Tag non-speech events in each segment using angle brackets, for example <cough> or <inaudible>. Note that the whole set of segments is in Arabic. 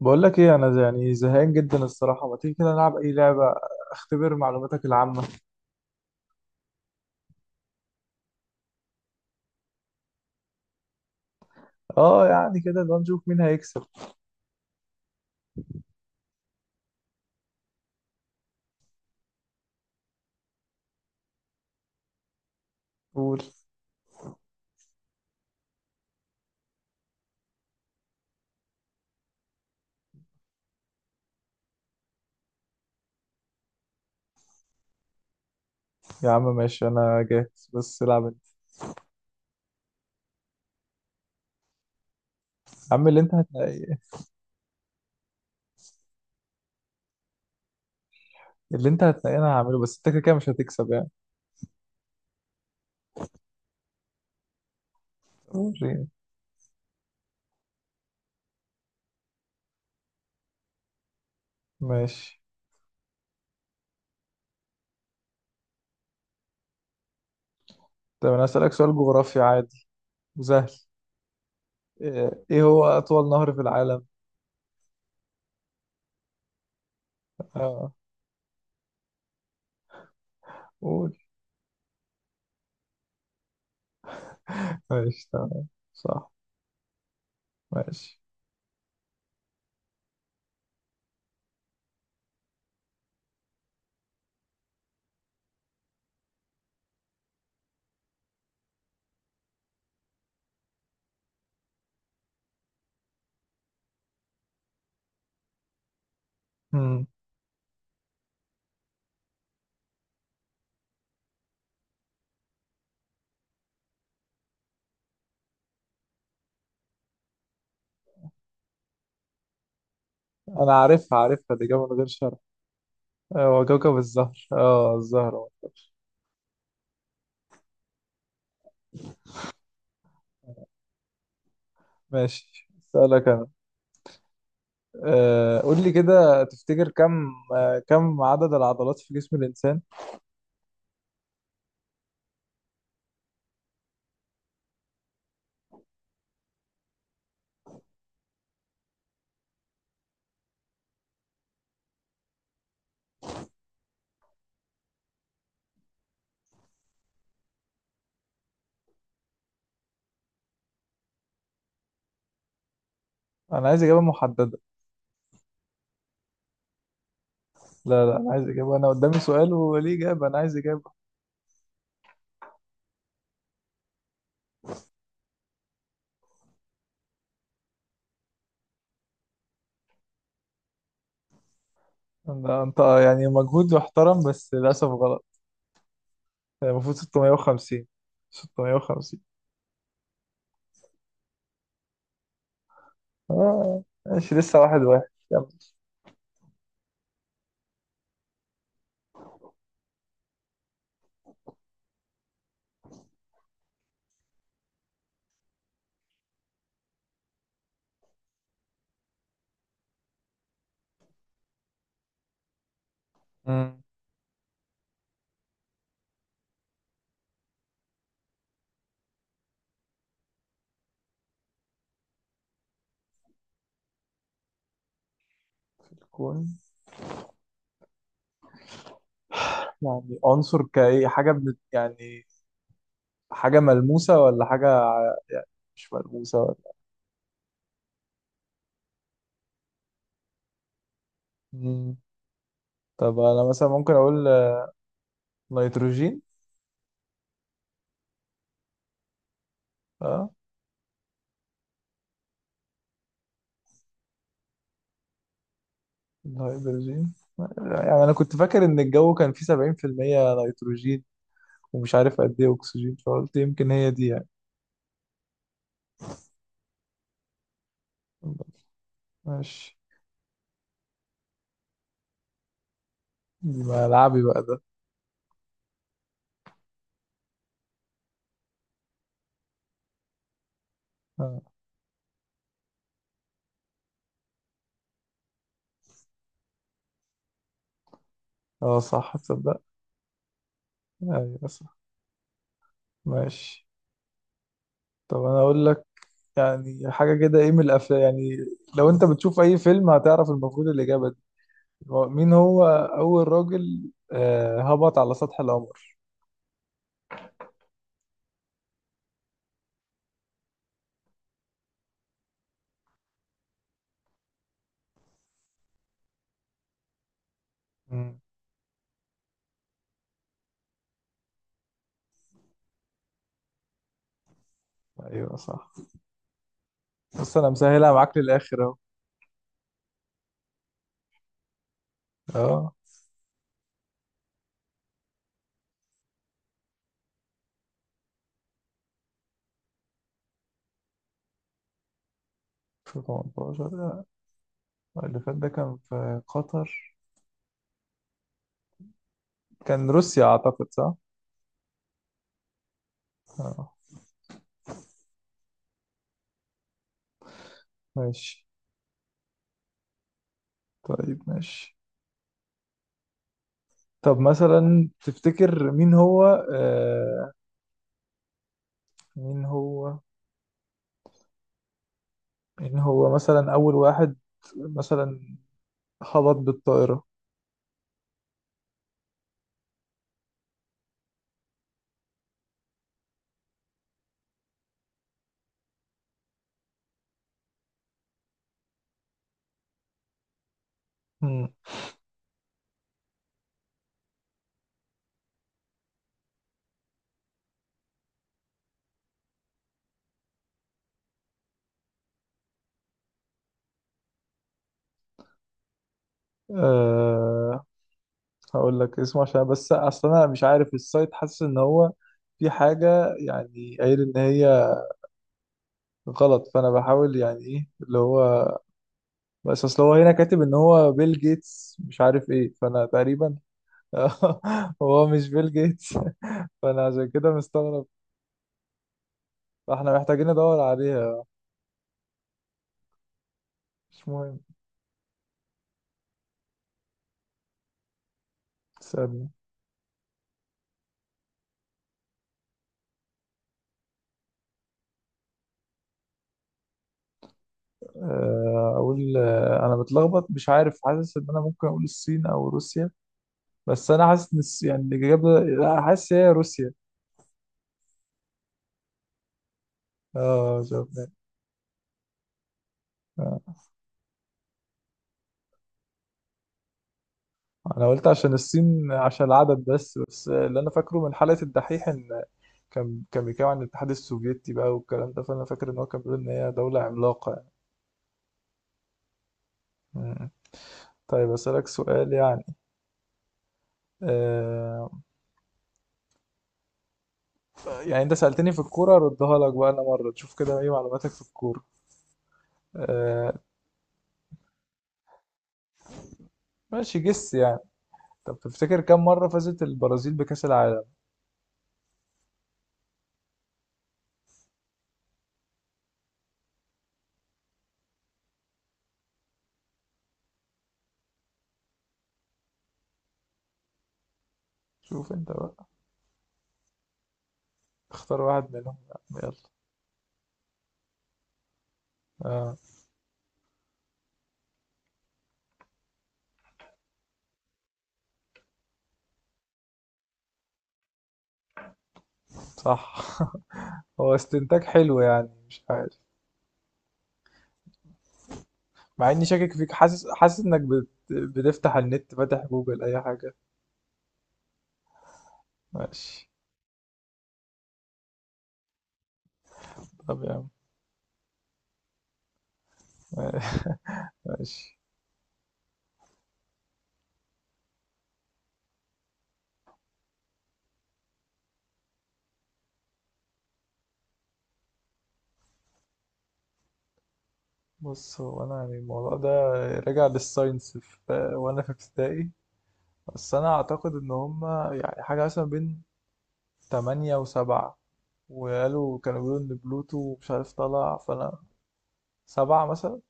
بقول لك ايه انا يعني زهقان جدا الصراحه، ما تيجي كده نلعب اي لعبه؟ اختبر معلوماتك العامه. اه، يعني كده لو نشوف مين هيكسب. قول. يا عم ماشي، انا جاهز بس العب انت. يا عم اللي انت هتنقيه. اللي انت هتنقيه انا هعمله، بس انت كده كده مش هتكسب يعني. وريني. ماشي. طب انا هسألك سؤال جغرافي عادي وسهل. إيه هو اطول نهر في العالم؟ اه. قول. ماشي تمام. صح. ماشي. مم. انا عارفها عارفها، دي اجابه من غير شرح. هو كوكب الزهر، الزهر. ماشي. اسألك انا. قول لي كده تفتكر كم عدد العضلات في جسم الانسان؟ انا عايز اجابة محددة. لا لا، انا عايز اجابة، انا قدامي سؤال وليه اجابة، انا عايز اجابة. انت يعني مجهود محترم بس للاسف غلط. يعني المفروض 650. 650. اه ماشي، لسه واحد واحد كم؟ مم. في الكون. يعني عنصر كأي حاجة بنت يعني، حاجة ملموسة ولا حاجة، يعني مش ملموسة ولا. مم. طب انا مثلا ممكن اقول نيتروجين. اه الهيدروجين. يعني انا كنت فاكر ان الجو كان فيه 70% نيتروجين، ومش عارف قد ايه اكسجين، فقلت يمكن هي دي يعني. ماشي. دي ملعبي بقى ده. اه. صح تصدق. ايوه صح. ماشي. طب انا اقول لك يعني حاجة كده، ايه من الافلام يعني؟ لو انت بتشوف اي فيلم هتعرف المفروض الاجابة دي. مين هو اول راجل هبط على سطح القمر؟ مم. ايوه صح. بس انا مسهلها معاك للاخر اهو. اه. 2018 لا، اللي فات ده كان في قطر، كان روسيا أعتقد صح؟ آه. ماشي. طيب ماشي. طب مثلا تفتكر مين هو آه مين هو مين هو مثلا أول واحد مثلا خبط بالطائرة؟ مم. آه هقول لك اسمه عشان، بس أصل أنا مش عارف السايت، حاسس إن هو في حاجة يعني قايل إن هي غلط، فأنا بحاول يعني إيه اللي هو. بس اصل هو هنا كاتب ان هو بيل جيتس مش عارف ايه فانا تقريبا... <laughs> هو مش بيل جيتس <laughs> فانا عشان كده مستغرب. فاحنا محتاجين ندور عليها. مش مهم. استنى. اقول انا متلخبط مش عارف، حاسس ان انا ممكن اقول الصين او روسيا، بس انا حاسس ان يعني الاجابه، لا، حاسس هي روسيا. اه شفنا. آه. انا قلت عشان الصين عشان العدد، بس اللي انا فاكره من حلقه الدحيح ان كان بيتكلم عن الاتحاد السوفيتي بقى، والكلام ده، فانا فاكر ان هو كان بيقول ان هي دولة عملاقة يعني. مم. طيب اسالك سؤال يعني، آه يعني انت سالتني في الكوره، اردها لك بقى انا مره، تشوف كده ايه معلوماتك في الكوره. آه ماشي جس يعني. طب تفتكر كم مره فازت البرازيل بكاس العالم؟ شوف انت بقى. اختار واحد منهم يعني. يلا. آه صح. <laughs> هو استنتاج حلو يعني مش عارف. مع اني شاكك فيك، حاسس حاسس انك بتفتح النت، فاتح جوجل اي حاجه. ماشي. طب يا عم. <laughs> ماشي. بص هو انا يعني الموضوع ده راجع للساينس في وانا في ابتدائي، بس انا اعتقد ان هما يعني حاجه مثلا بين 8 و7، وقالوا كانوا بيقولوا ان بلوتو مش عارف طلع، فانا سبعة مثلا.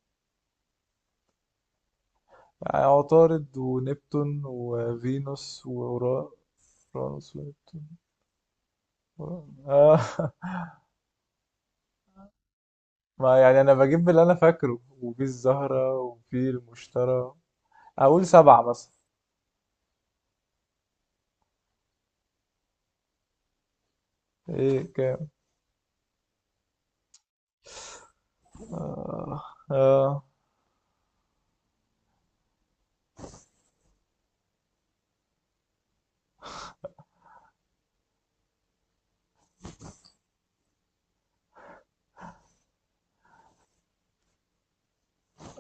يعني عطارد ونبتون وفينوس وأورا فرانوس ونبتون. آه. <laughs> ما يعني انا بجيب اللي انا فاكره، وفي الزهرة وفي المشتري، اقول سبعة مثلا. ايه كام؟ آه. آه.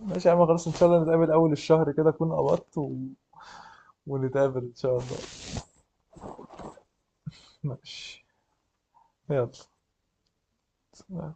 ماشي يا عم خلاص، ان شاء الله نتقابل اول الشهر كده، اكون قبضت و... ونتقابل ان شاء الله. ماشي. يلا.